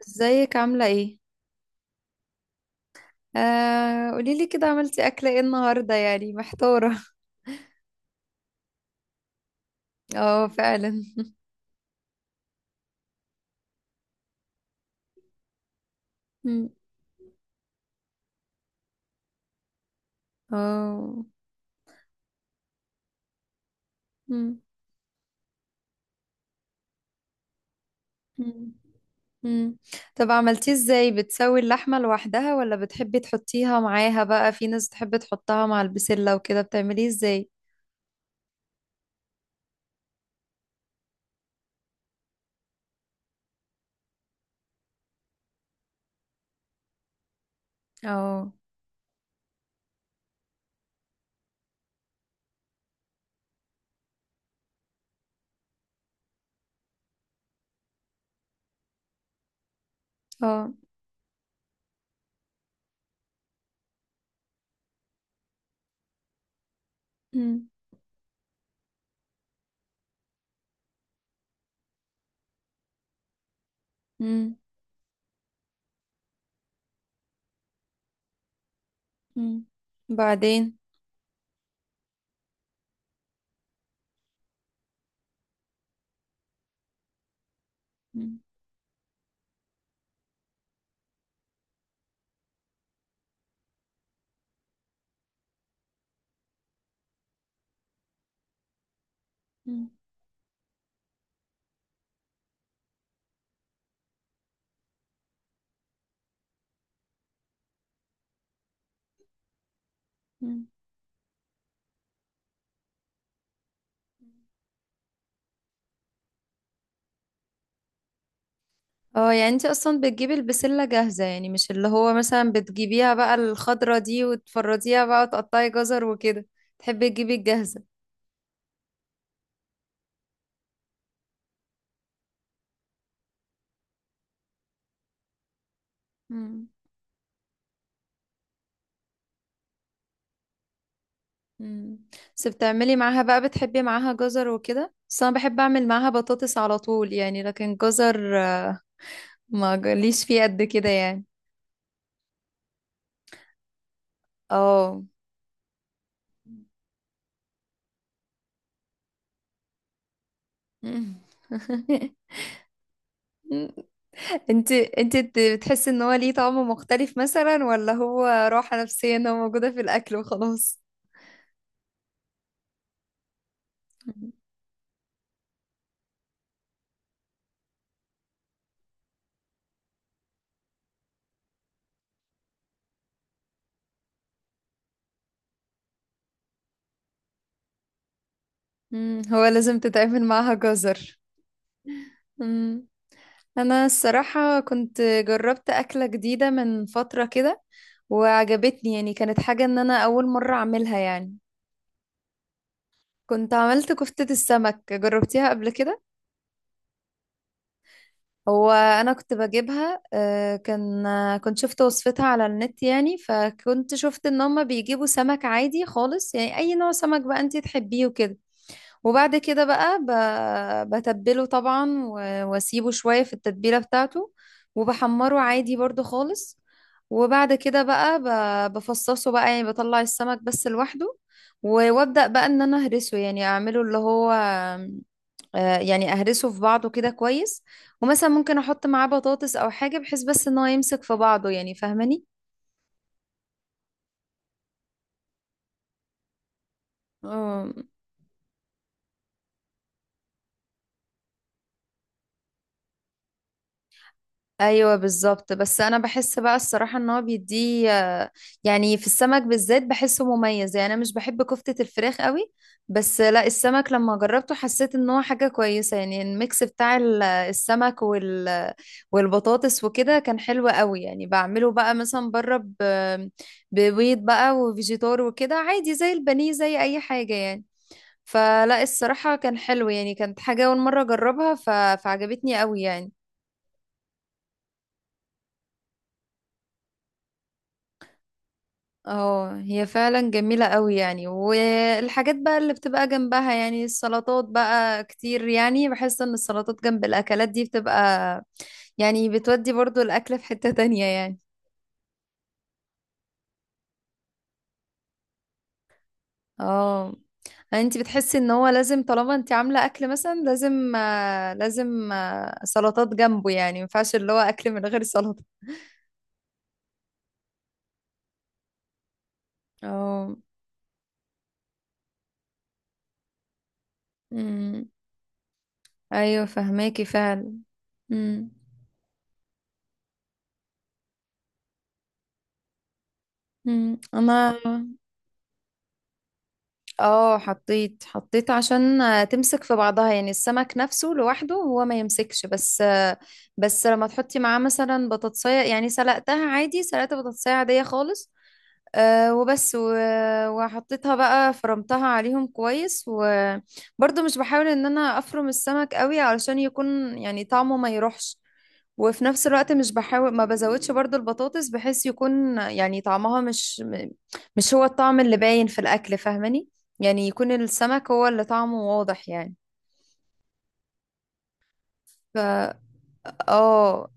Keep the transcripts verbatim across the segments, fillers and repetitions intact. ازيك عاملة ايه؟ آه، قوليلي كده عملتي أكلة ايه النهاردة، يعني محتارة. اه، فعلا. مم. اه. مم. مم. مم. طب عملتيه ازاي؟ بتسوي اللحمة لوحدها ولا بتحبي تحطيها معاها بقى؟ في ناس بتحب تحطها مع البسلة وكده، بتعمليه ازاي؟ اه. اه. مم. مم. مم. بعدين. مم. مم. مم. اه، يعني انت اصلا بتجيبي البسلة جاهزة، يعني مش اللي هو مثلا بتجيبيها بقى الخضرة دي وتفرديها بقى وتقطعي جزر وكده. تحبي تجيبي الجاهزة؟ مم. مم. بس بتعملي معاها بقى، بتحبي معاها جزر وكده، بس انا بحب اعمل معاها بطاطس على طول يعني، لكن جزر آه، ما جاليش فيه قد كده يعني. اه. مم. انت انت بت- بتحسي ان هو ليه طعم مختلف مثلا، ولا هو راحة نفسية ان هو موجودة في الاكل وخلاص؟ مم، هو لازم تتعامل معاها جزر. مم. انا الصراحة كنت جربت أكلة جديدة من فترة كده وعجبتني، يعني كانت حاجة ان انا اول مرة اعملها يعني. كنت عملت كفتة السمك، جربتيها قبل كده؟ هو انا كنت بجيبها، آه، كان، آه، كنت شفت وصفتها على النت، يعني فكنت شفت ان هما بيجيبوا سمك عادي خالص، يعني اي نوع سمك بقى انتي تحبيه وكده. وبعد كده بقى ب- بتبله طبعا و- واسيبه شوية في التتبيلة بتاعته، وبحمره عادي برضو خالص. وبعد كده بقى ب- بفصصه بقى، يعني بطلع السمك بس لوحده، و- وابدأ بقى ان انا اهرسه، يعني اعمله اللي هو آه، يعني اهرسه في بعضه كده كويس. ومثلا ممكن احط معاه بطاطس او حاجة، بحيث بس ان هو يمسك في بعضه يعني. فاهماني؟ ايوه بالظبط، بس انا بحس بقى الصراحه ان هو بيديه آه، يعني في السمك بالذات بحسه مميز، يعني انا مش بحب كفته الفراخ قوي. بس لا، السمك لما جربته حسيت ان هو حاجه كويسه، يعني الميكس بتاع ال- السمك وال والبطاطس وكده كان حلو قوي يعني. بعمله بقى مثلا بره، ب- ببيض بقى وفيجيتار وكده عادي، زي البانيه زي اي حاجه يعني. فلا الصراحه كان حلو يعني، كانت حاجه اول مره اجربها ف... فعجبتني قوي يعني. اه، هي فعلا جميلة قوي يعني. والحاجات بقى اللي بتبقى جنبها يعني السلطات بقى كتير، يعني بحس ان السلطات جنب الاكلات دي بتبقى، يعني بتودي برضو الاكل في حتة تانية يعني. اه. انت بتحسي ان هو لازم طالما انت عاملة اكل مثلا، لازم آه، لازم آه، سلطات جنبه، يعني ما ينفعش اللي هو اكل من غير سلطة؟ اه. أمم. ايوه فهماكي فعلا. أمم. أمم. انا. اه، حطيت حطيت عشان آه، تمسك في بعضها، يعني السمك نفسه لوحده هو ما يمسكش، بس آه، بس لما تحطي معاه مثلا بطاطساية، يعني سلقتها عادي، سلقت بطاطساية عادية خالص. أه وبس و... وحطيتها بقى، فرمتها عليهم كويس، وبرضه مش بحاول ان انا افرم السمك قوي علشان يكون يعني طعمه ما يروحش. وفي نفس الوقت مش بحاول، ما بزودش برضه البطاطس بحيث يكون يعني طعمها مش م- مش هو الطعم اللي باين في الاكل. فاهماني؟ يعني يكون السمك هو اللي طعمه واضح يعني. ف اه.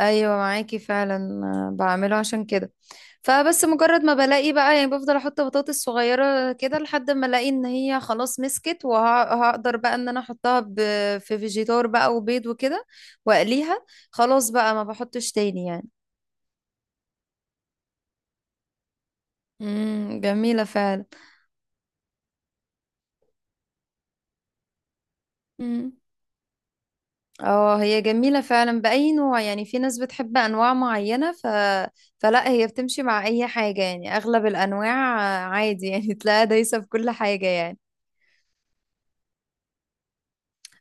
ايوه معاكي فعلا. آه، بعمله عشان كده، فبس مجرد ما بلاقي بقى، يعني بفضل احط بطاطس صغيره كده لحد ما الاقي ان هي خلاص مسكت، وهقدر بقى ان انا احطها ب- في فيجيتار بقى وبيض وكده، واقليها. خلاص بقى ما بحطش تاني يعني. امم جميله فعلا. مم. اه، هي جميله فعلا باي نوع يعني، في ناس بتحب انواع معينه ف... فلا هي بتمشي مع اي حاجه، يعني اغلب الانواع آه، عادي يعني. تلاقيها دايسه في كل حاجه يعني.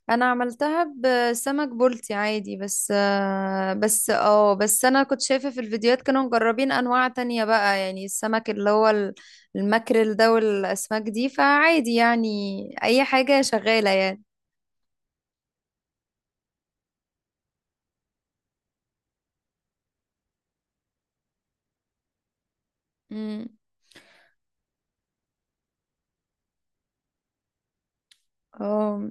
انا عملتها بسمك بلطي عادي، بس آه، بس اه بس انا كنت شايفة في الفيديوهات كانوا مجربين انواع تانية بقى، يعني السمك اللي هو ال- الماكريل ده والاسماك دي، فعادي يعني. اي حاجة شغالة يعني. مم. اه،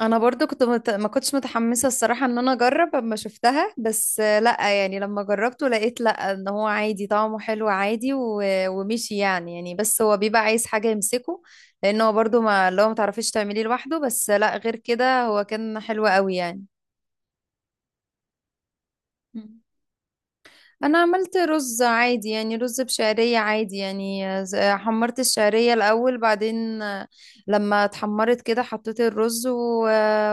انا برضو كنت مت... ما كنتش متحمسه الصراحه ان انا اجرب اما شفتها، بس آه، لا يعني لما جربته لقيت لا، ان هو عادي طعمه حلو عادي و... ومشي يعني يعني بس هو بيبقى عايز حاجه يمسكه، لان هو برضو ما اللي هو ما تعرفيش تعمليه لوحده، بس آه، لا غير كده هو كان حلو قوي يعني. انا عملت رز عادي يعني، رز بشعرية عادي يعني، ز- حمرت الشعرية الاول، بعدين لما اتحمرت كده حطيت الرز و...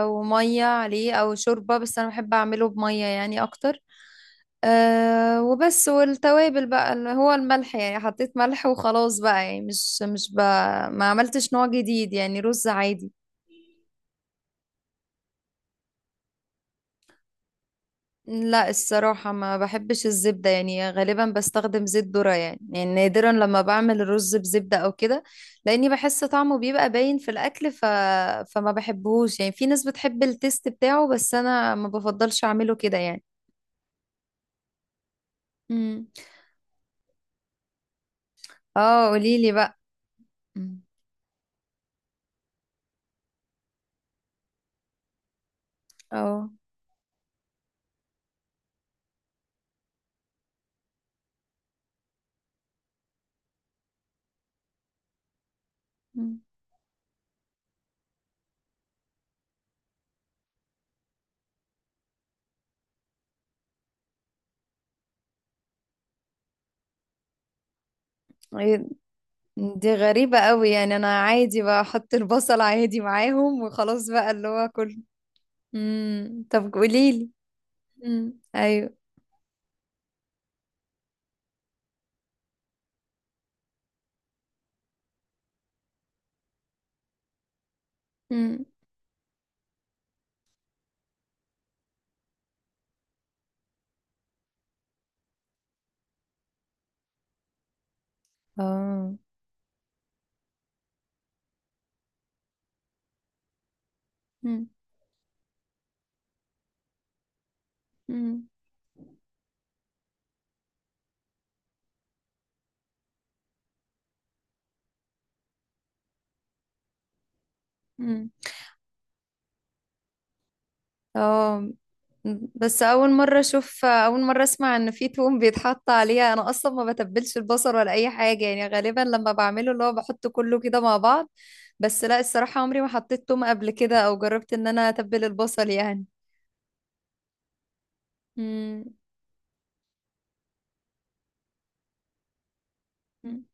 ومية عليه او شوربة، بس انا بحب اعمله بمية يعني اكتر. أه وبس، والتوابل بقى اللي هو الملح يعني، حطيت ملح وخلاص بقى، يعني مش مش بقى، ما عملتش نوع جديد يعني، رز عادي. لا الصراحة ما بحبش الزبدة، يعني غالبا بستخدم زيت ذرة، يعني يعني نادرا لما بعمل الرز بزبدة أو كده، لأني بحس طعمه بيبقى باين في الأكل ف... فما بحبهوش يعني، في ناس بتحب التيست بتاعه بس أنا ما بفضلش أعمله كده يعني. امم. اه، قوليلي بقى. مم. اه. مم. إيه، دي غريبة قوي يعني، أنا عادي بقى أحط البصل عادي معاهم وخلاص بقى اللي هو كله. امم، طب قوليلي. امم، أيوه. امم. اه. مم. مم. اه، بس اول مره اشوف، اول مره اسمع ان في توم بيتحط عليها، انا اصلا ما بتبلش البصل ولا اي حاجه يعني، غالبا لما بعمله اللي هو بحط كله كده مع بعض. بس لا الصراحه عمري ما حطيت توم قبل كده، او جربت ان انا اتبل البصل يعني. مم. مم.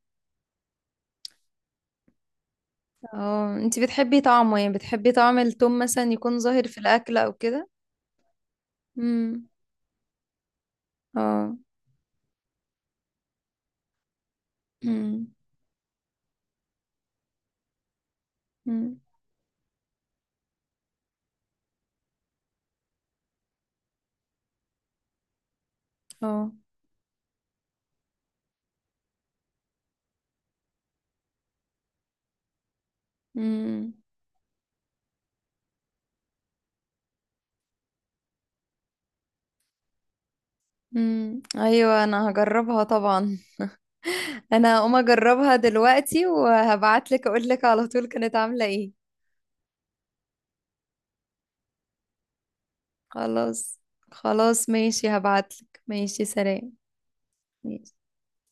اه، انتي بتحبي طعمه يعني، بتحبي طعم التوم مثلا يكون ظاهر في الاكل او كده؟ امم. اه. امم. امم. اه. امم. امم، ايوه، انا هجربها طبعا. انا هقوم اجربها دلوقتي وهبعتلك اقولك على طول كانت عاملة ايه. خلاص. خلاص، ماشي، هبعتلك. ماشي، سلام.